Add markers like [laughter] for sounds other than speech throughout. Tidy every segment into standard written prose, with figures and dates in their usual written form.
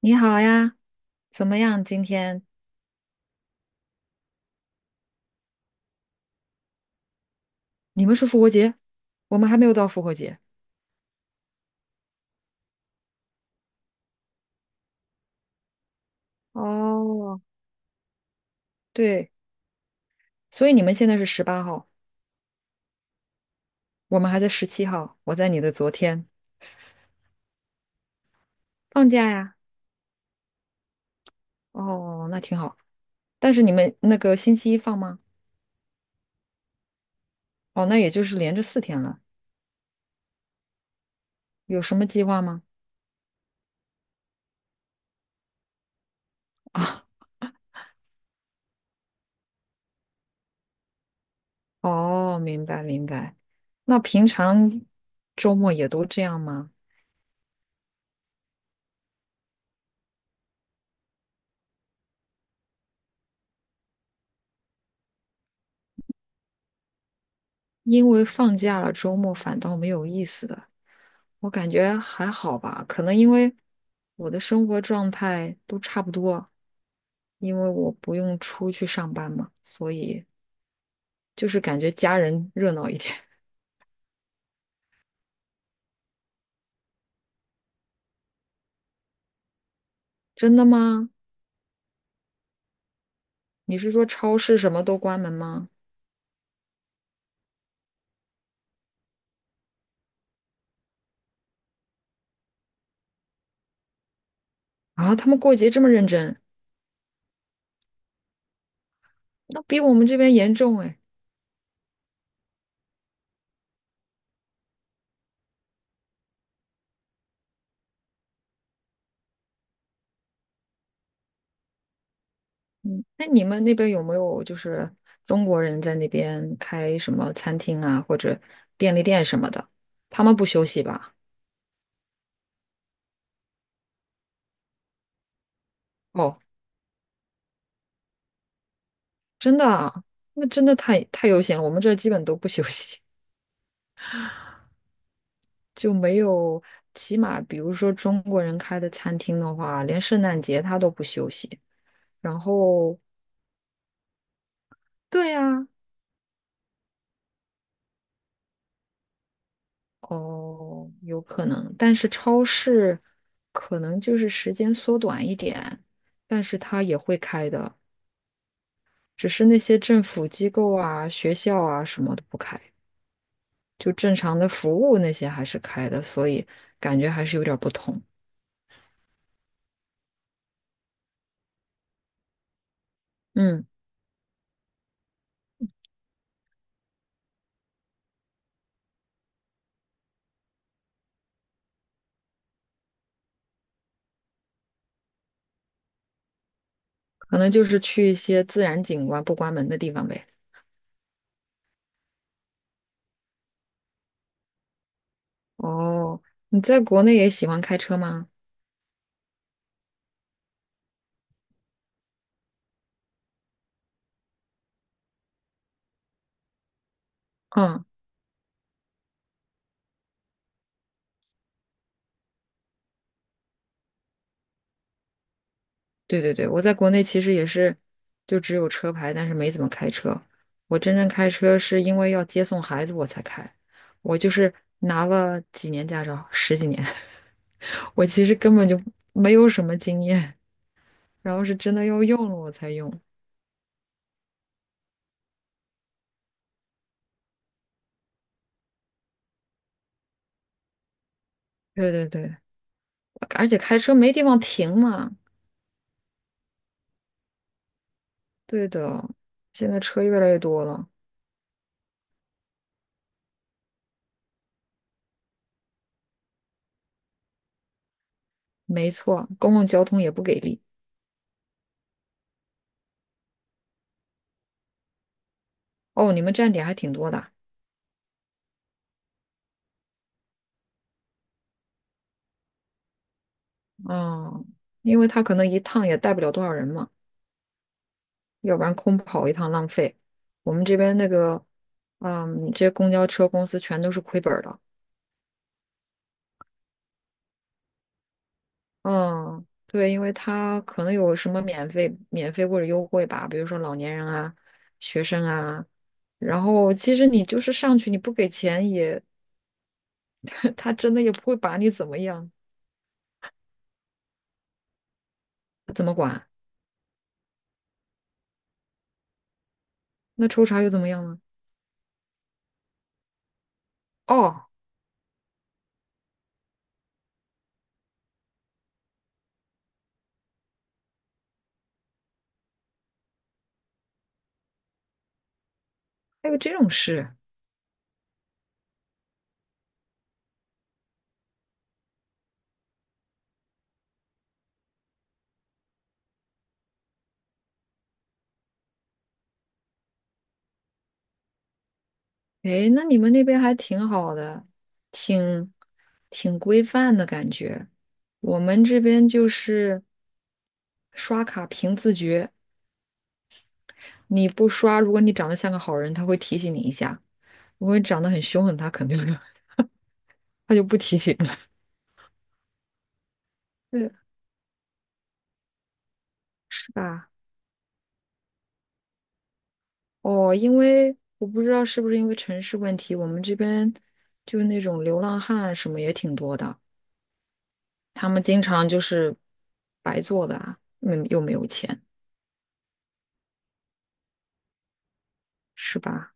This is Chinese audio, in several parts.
你好呀，怎么样？今天你们是复活节，我们还没有到复活节。哦，对，所以你们现在是18号，我们还在17号。我在你的昨天放假呀。哦，那挺好。但是你们那个星期一放吗？哦，那也就是连着4天了。有什么计划吗？哦，明白明白。那平常周末也都这样吗？因为放假了，周末反倒没有意思的。我感觉还好吧，可能因为我的生活状态都差不多，因为我不用出去上班嘛，所以就是感觉家人热闹一点。[laughs] 真的吗？你是说超市什么都关门吗？啊，他们过节这么认真，那比我们这边严重哎。嗯，那你们那边有没有就是中国人在那边开什么餐厅啊，或者便利店什么的？他们不休息吧？哦。真的啊，那真的太悠闲了。我们这儿基本都不休息，[laughs] 就没有，起码比如说中国人开的餐厅的话，连圣诞节他都不休息。然后，对呀，哦，有可能，但是超市可能就是时间缩短一点，但是他也会开的，只是那些政府机构啊、学校啊什么的不开，就正常的服务那些还是开的，所以感觉还是有点儿不同。嗯。可能就是去一些自然景观不关门的地方呗。哦，你在国内也喜欢开车吗？嗯，对对对，我在国内其实也是，就只有车牌，但是没怎么开车。我真正开车是因为要接送孩子我才开，我就是拿了几年驾照，十几年，[laughs] 我其实根本就没有什么经验，然后是真的要用了我才用。对对对，而且开车没地方停嘛。对的，现在车越来越多了。没错，公共交通也不给力。哦，你们站点还挺多的啊。哦因为他可能一趟也带不了多少人嘛，要不然空跑一趟浪费。我们这边那个，嗯，这些公交车公司全都是亏本儿的。嗯，对，因为他可能有什么免费或者优惠吧，比如说老年人啊、学生啊。然后其实你就是上去你不给钱也，[laughs] 他真的也不会把你怎么样，怎么管？那抽查又怎么样呢？哦，还有这种事。诶，那你们那边还挺好的，挺挺规范的感觉。我们这边就是刷卡凭自觉，你不刷，如果你长得像个好人，他会提醒你一下；如果你长得很凶狠，他肯定的 [laughs] 他就不提醒了。对，是吧？哦，因为我不知道是不是因为城市问题，我们这边就是那种流浪汉什么也挺多的，他们经常就是白做的啊，嗯，又没有钱，是吧？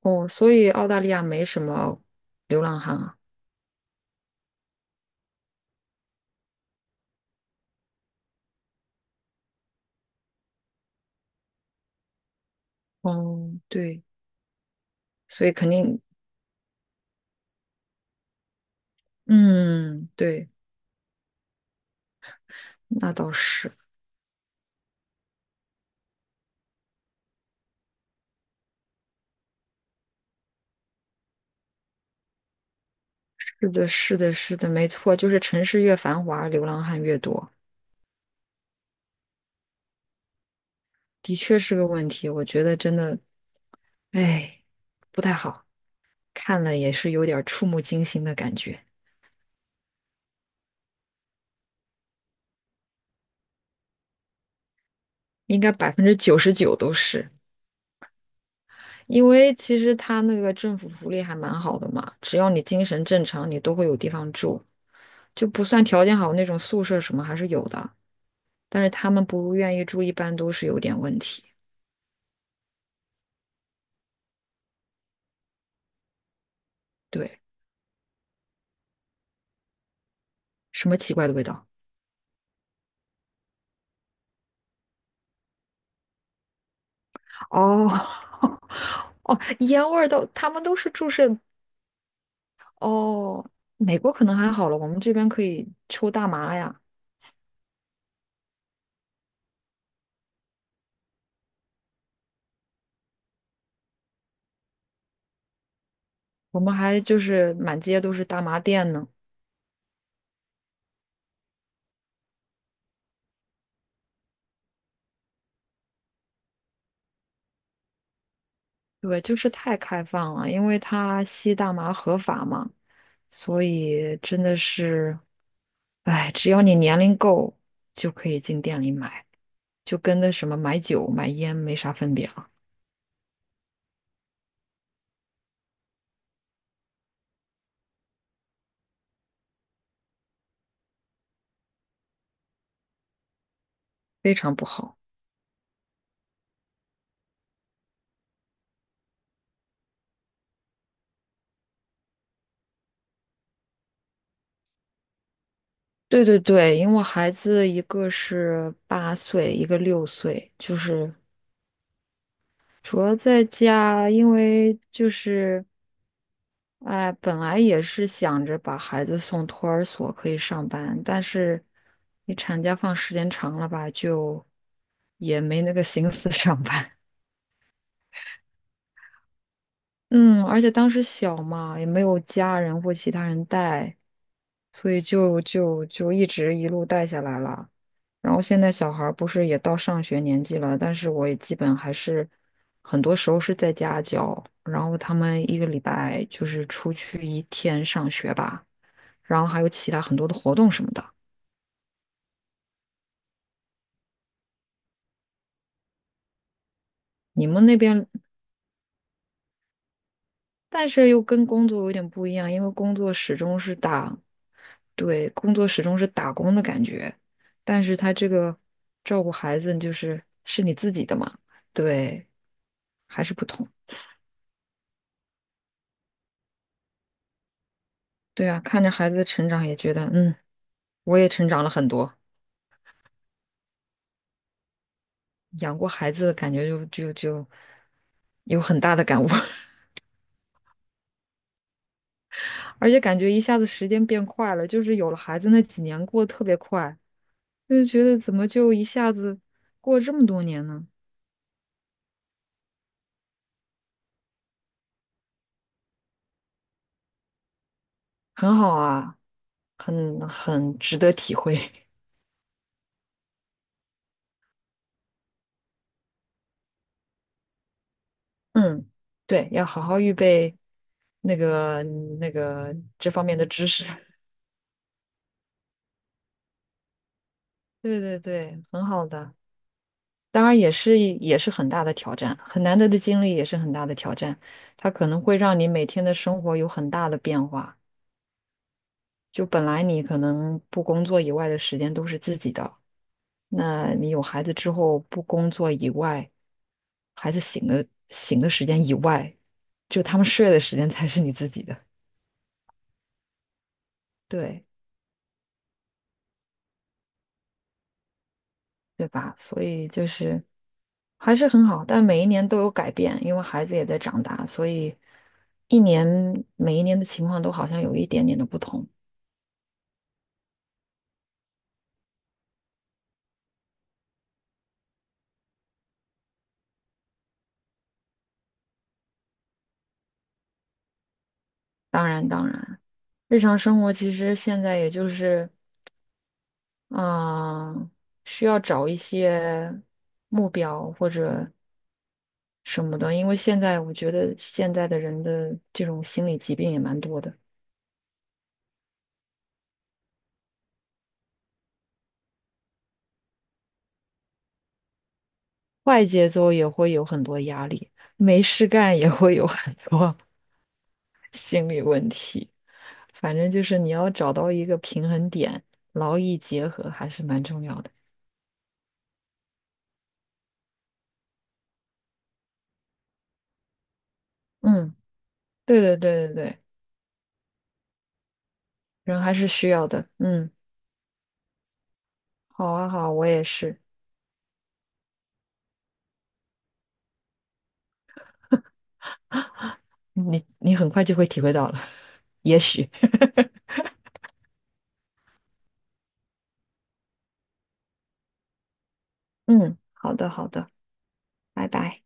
哦，所以澳大利亚没什么流浪汉啊。哦，对，所以肯定，嗯，对，那倒是，是的，是的，是的，没错，就是城市越繁华，流浪汉越多，的确是个问题。我觉得真的，哎，不太好，看了也是有点儿触目惊心的感觉。应该99%都是，因为其实他那个政府福利还蛮好的嘛，只要你精神正常，你都会有地方住，就不算条件好那种宿舍什么还是有的。但是他们不愿意住，一般都是有点问题。对，什么奇怪的味道？哦 [laughs] 哦，烟味儿都，他们都是注射。哦，美国可能还好了，我们这边可以抽大麻呀，我们还就是满街都是大麻店呢。对，就是太开放了，因为他吸大麻合法嘛，所以真的是，哎，只要你年龄够，就可以进店里买，就跟那什么买酒买烟没啥分别了，非常不好。对对对，因为我孩子一个是8岁，一个6岁，就是主要在家，因为就是哎，本来也是想着把孩子送托儿所可以上班，但是你产假放时间长了吧，就也没那个心思上班。嗯，而且当时小嘛，也没有家人或其他人带，所以就一直一路带下来了。然后现在小孩儿不是也到上学年纪了，但是我也基本还是很多时候是在家教，然后他们一个礼拜就是出去一天上学吧，然后还有其他很多的活动什么的。你们那边但是又跟工作有点不一样，因为工作始终是打，对，工作始终是打工的感觉，但是他这个照顾孩子就是是你自己的嘛，对，还是不同。对啊，看着孩子的成长，也觉得嗯，我也成长了很多。养过孩子，感觉就有很大的感悟，[laughs] 而且感觉一下子时间变快了，就是有了孩子那几年过得特别快，就是觉得怎么就一下子过了这么多年呢？很好啊。很值得体会。[laughs] 嗯，对，要好好预备那个那个这方面的知识。[laughs] 对对对，很好的。当然也是很大的挑战，很难得的经历也是很大的挑战。它可能会让你每天的生活有很大的变化。就本来你可能不工作以外的时间都是自己的，那你有孩子之后，不工作以外，孩子醒的时间以外，就他们睡的时间才是你自己的。对。对吧？所以就是还是很好，但每一年都有改变，因为孩子也在长大，所以一年每一年的情况都好像有一点点的不同。当然，当然，日常生活其实现在也就是嗯、需要找一些目标或者什么的，因为现在我觉得现在的人的这种心理疾病也蛮多的。快节奏也会有很多压力，没事干也会有很多 [laughs] 心理问题。反正就是你要找到一个平衡点，劳逸结合还是蛮重要的。嗯，对对对对对，人还是需要的。嗯，好啊好，我也是。你很快就会体会到了，[laughs] 也许。[laughs] 嗯，好的好的，拜拜。